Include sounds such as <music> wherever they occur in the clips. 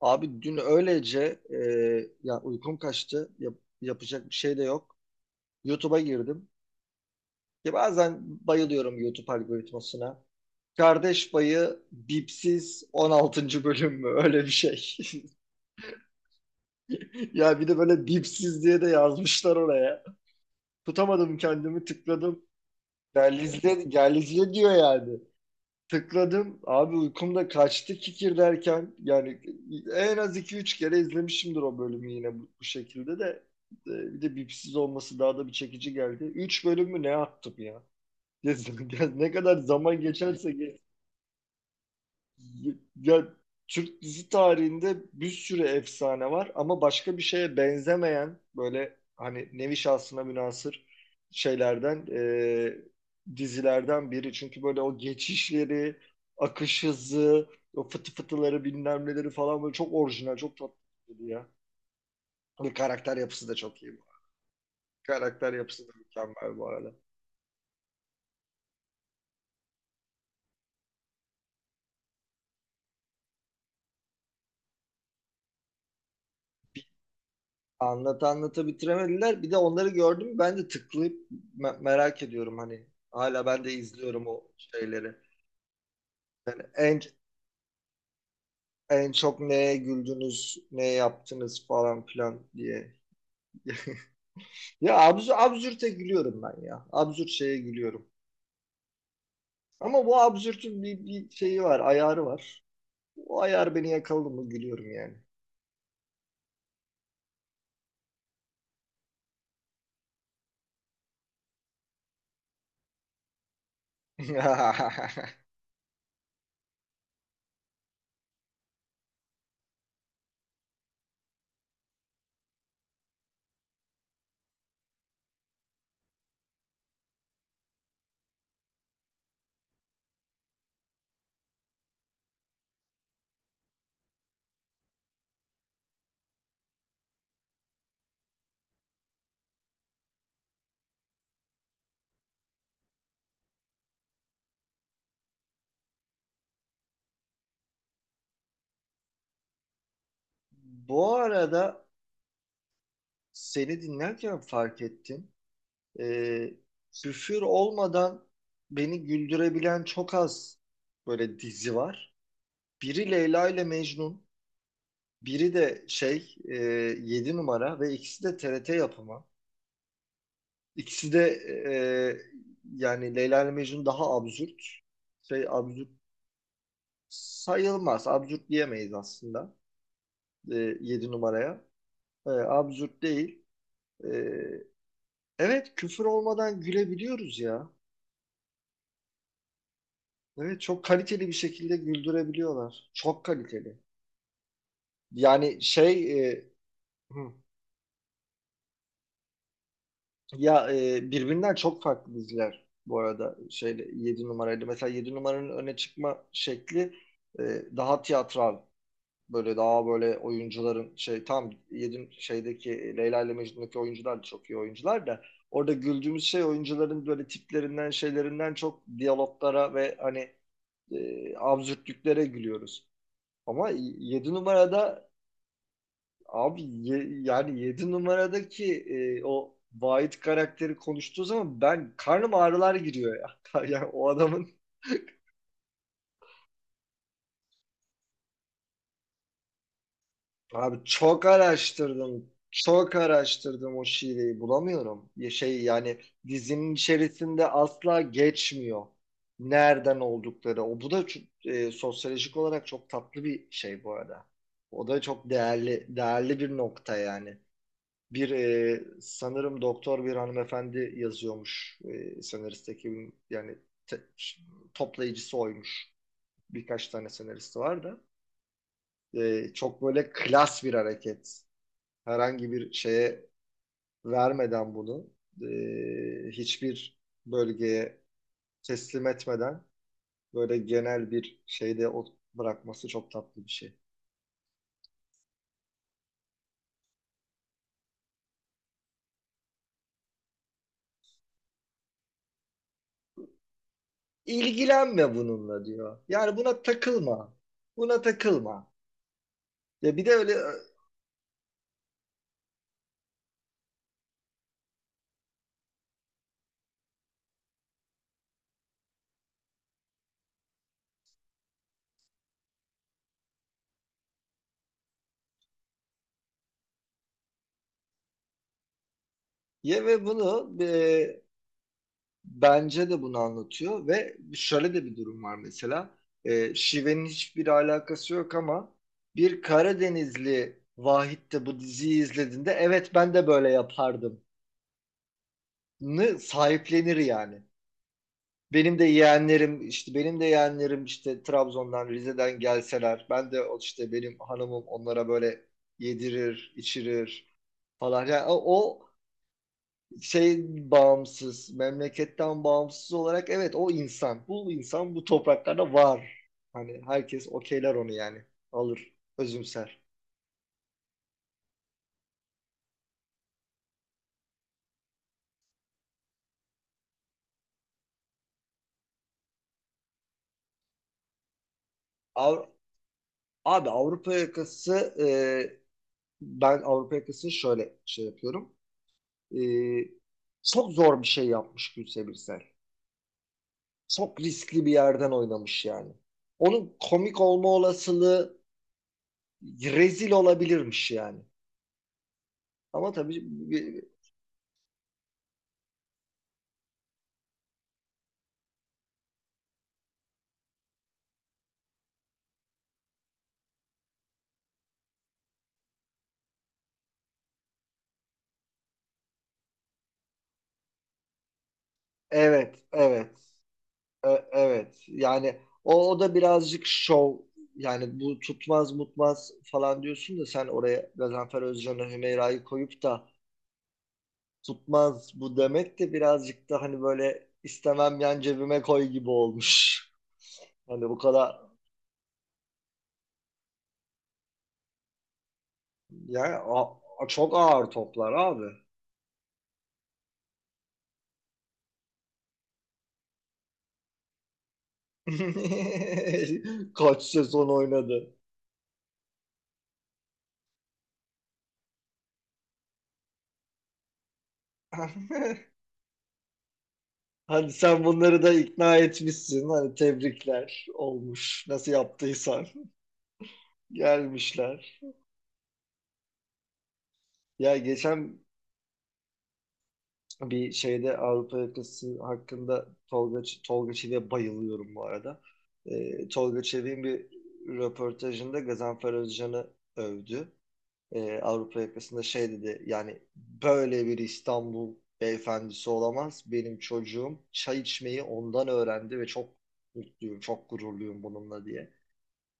Abi dün öylece ya uykum kaçtı. Yapacak bir şey de yok. YouTube'a girdim. Ya bazen bayılıyorum YouTube algoritmasına. Kardeş Payı Bipsiz 16. bölüm mü? <laughs> Öyle bir şey. <laughs> Ya bir de böyle bipsiz diye de yazmışlar oraya. Tutamadım kendimi tıkladım. Gel izle, gel izle diyor yani. Tıkladım. Abi uykumda kaçtı kikir derken. Yani en az iki üç kere izlemişimdir o bölümü yine bu şekilde de. Bir de bipsiz olması daha da bir çekici geldi. Üç bölüm mü ne yaptım ya? <laughs> Ne kadar zaman geçerse geç. Ya Türk dizi tarihinde bir sürü efsane var ama başka bir şeye benzemeyen böyle hani nevi şahsına münasır şeylerden dizilerden biri. Çünkü böyle o geçişleri, akış hızı, o fıtı fıtıları bilmem neleri falan böyle çok orijinal, çok tatlı ya. Ve karakter yapısı da çok iyi. Karakter yapısı da mükemmel bu arada. Anlata bitiremediler. Bir de onları gördüm. Ben de tıklayıp merak ediyorum hani. Hala ben de izliyorum o şeyleri. Yani en çok neye güldünüz, ne yaptınız falan filan diye. <laughs> Ya absürte gülüyorum ben ya. Absürt şeye gülüyorum. Ama bu absürtün bir şeyi var, ayarı var. O ayar beni yakaladı mı gülüyorum yani. <laughs> Bu arada seni dinlerken fark ettim. e, küfür olmadan beni güldürebilen çok az böyle dizi var. Biri Leyla ile Mecnun, biri de şey 7 numara ve ikisi de TRT yapımı. İkisi de e, yani Leyla ile Mecnun daha absürt. Şey absürt sayılmaz. Absürt diyemeyiz aslında e, 7 numaraya. Absürt değil. E, evet, küfür olmadan gülebiliyoruz ya. Evet, çok kaliteli bir şekilde güldürebiliyorlar. Çok kaliteli. Yani hı, birbirinden çok farklı diziler bu arada şeyle 7 numaraydı. Mesela yedi numaranın öne çıkma şekli e, daha tiyatral, böyle daha böyle oyuncuların şey tam yedi şeydeki Leyla ile Mecnun'daki oyuncular da çok iyi oyuncular da orada güldüğümüz şey oyuncuların böyle tiplerinden şeylerinden çok diyaloglara ve hani absürtlüklere gülüyoruz. Ama yedi numarada, abi yani 7 numaradaki o Vahit karakteri konuştuğu zaman ben karnım ağrılar giriyor ya. <laughs> Yani o adamın, abi çok araştırdım. Çok araştırdım, o şiveyi bulamıyorum. Ya şey yani dizinin içerisinde asla geçmiyor. Nereden oldukları. O bu da sosyolojik olarak çok tatlı bir şey bu arada. O da çok değerli değerli bir nokta yani. Bir sanırım doktor bir hanımefendi yazıyormuş, senarist ekibin yani te- toplayıcısı oymuş. Birkaç tane senaristi var da, çok böyle klas bir hareket. Herhangi bir şeye vermeden bunu hiçbir bölgeye teslim etmeden böyle genel bir şeyde o bırakması çok tatlı bir şey. İlgilenme bununla diyor. Yani buna takılma. Buna takılma. Ya bir de öyle ve bence de bunu anlatıyor ve şöyle de bir durum var mesela. Şivenin hiçbir alakası yok ama bir Karadenizli Vahit de bu diziyi izlediğinde, evet ben de böyle yapardım. Nı sahiplenir yani. Benim de yeğenlerim işte Trabzon'dan, Rize'den gelseler, ben de o, işte benim hanımım onlara böyle yedirir, içirir falan. Yani o şey, bağımsız, memleketten bağımsız olarak, evet o insan, bu insan bu topraklarda var. Hani herkes okeyler onu yani. Alır, özümser. Av- abi Avrupa yakası, ben Avrupa yakasını şöyle şey yapıyorum. E, çok zor bir şey yapmış Gülse Birsel. Çok riskli bir yerden oynamış yani. Onun komik olma olasılığı rezil olabilirmiş yani. Ama tabii evet, evet. Evet yani o da birazcık şov yani bu tutmaz mutmaz falan diyorsun da, sen oraya Gazanfer Özcan'ı, Hümeyra'yı koyup da tutmaz bu demek de birazcık da hani böyle istemem yan cebime koy gibi olmuş. Hani bu kadar yani çok ağır toplar abi. <laughs> Kaç sezon oynadı. <laughs> Hani sen bunları da ikna etmişsin, hani tebrikler olmuş. Nasıl yaptıysan gelmişler. Ya geçen bir şeyde Avrupa yakası hakkında Tolga Çevik'e bayılıyorum bu arada. Tolga Çevik'in bir röportajında Gazanfer Özcan'ı övdü. Avrupa yakasında şey dedi yani, böyle bir İstanbul beyefendisi olamaz. Benim çocuğum çay içmeyi ondan öğrendi ve çok mutluyum, çok gururluyum bununla diye.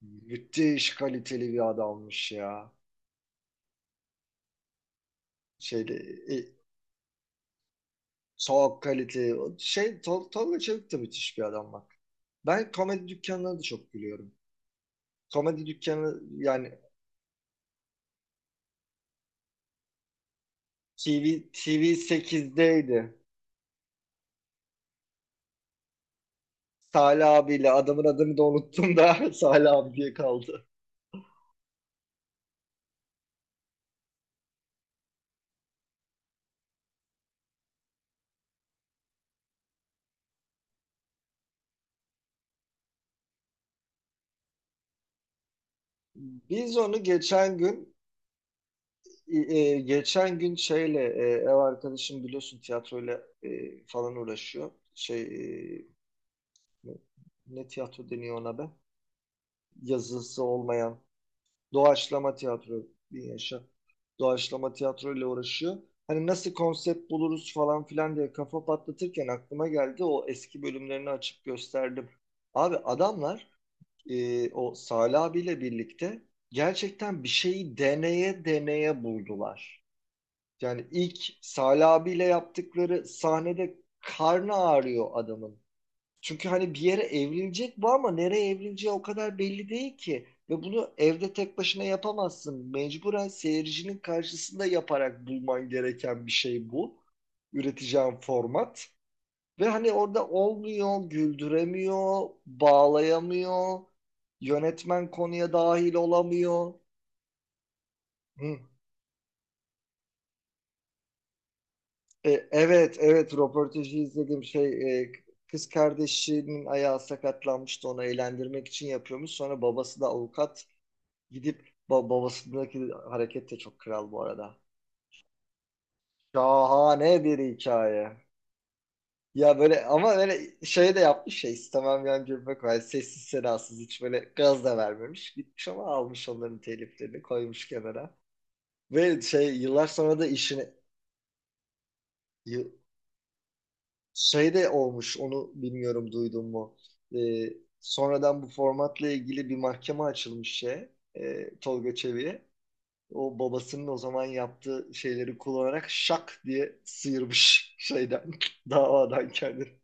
Müthiş kaliteli bir adammış ya. Şeyde, e, Soğuk kalite. O Şey, Tol Tolga Çevik de müthiş bir adam bak. Ben komedi dükkanına da çok gülüyorum. Komedi dükkanı yani TV, TV8'deydi. Salih abiyle adamın adını da unuttum da <laughs> Salih abi diye kaldı. Biz onu geçen gün geçen gün şeyle, ev arkadaşım biliyorsun tiyatroyla falan uğraşıyor. Şey ne, ne, tiyatro deniyor ona be? Yazısı olmayan. Doğaçlama tiyatro, bin yaşa. Doğaçlama tiyatro ile uğraşıyor. Hani nasıl konsept buluruz falan filan diye kafa patlatırken aklıma geldi. O eski bölümlerini açıp gösterdim. Abi adamlar o Salih abiyle birlikte gerçekten bir şeyi deneye deneye buldular. Yani ilk Salih abiyle yaptıkları sahnede karnı ağrıyor adamın. Çünkü hani bir yere evrilecek bu ama nereye evrileceği o kadar belli değil ki. Ve bunu evde tek başına yapamazsın. Mecburen seyircinin karşısında yaparak bulman gereken bir şey bu. Üreteceğin format. Ve hani orada olmuyor, güldüremiyor, bağlayamıyor. Yönetmen konuya dahil olamıyor. Hı. Evet, evet röportajı izledim. Kız kardeşinin ayağı sakatlanmıştı, onu eğlendirmek için yapıyormuş. Sonra babası da avukat. Gidip babasındaki hareket de çok kral bu arada. Şahane bir hikaye. Ya böyle ama böyle şey de yapmış ya, istemem yan cebime koy. Hani sessiz sedasız hiç böyle gaz da vermemiş. Gitmiş, ama almış onların teliflerini koymuş kenara. Ve yıllar sonra da işini yı- şey de olmuş, onu bilmiyorum, duydun mu? Ee, sonradan bu formatla ilgili bir mahkeme açılmış Tolga Çevik'e. O babasının o zaman yaptığı şeyleri kullanarak şak diye sıyırmış şeyden, <laughs> davadan kendini.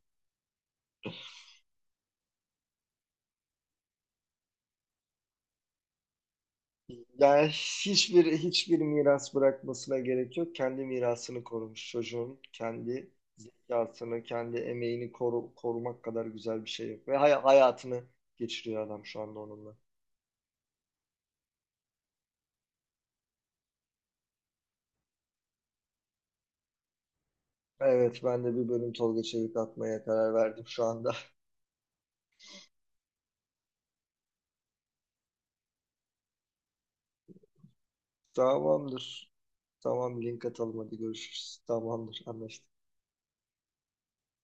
Yani hiçbir miras bırakmasına gerek yok. Kendi mirasını korumuş çocuğun. Kendi zekasını, kendi emeğini korumak kadar güzel bir şey yok. Ve hayatını geçiriyor adam şu anda onunla. Evet, ben de bir bölüm Tolga Çevik atmaya karar verdim şu anda. <laughs> Tamamdır. Tamam, link atalım, hadi görüşürüz. Tamamdır, anlaştık.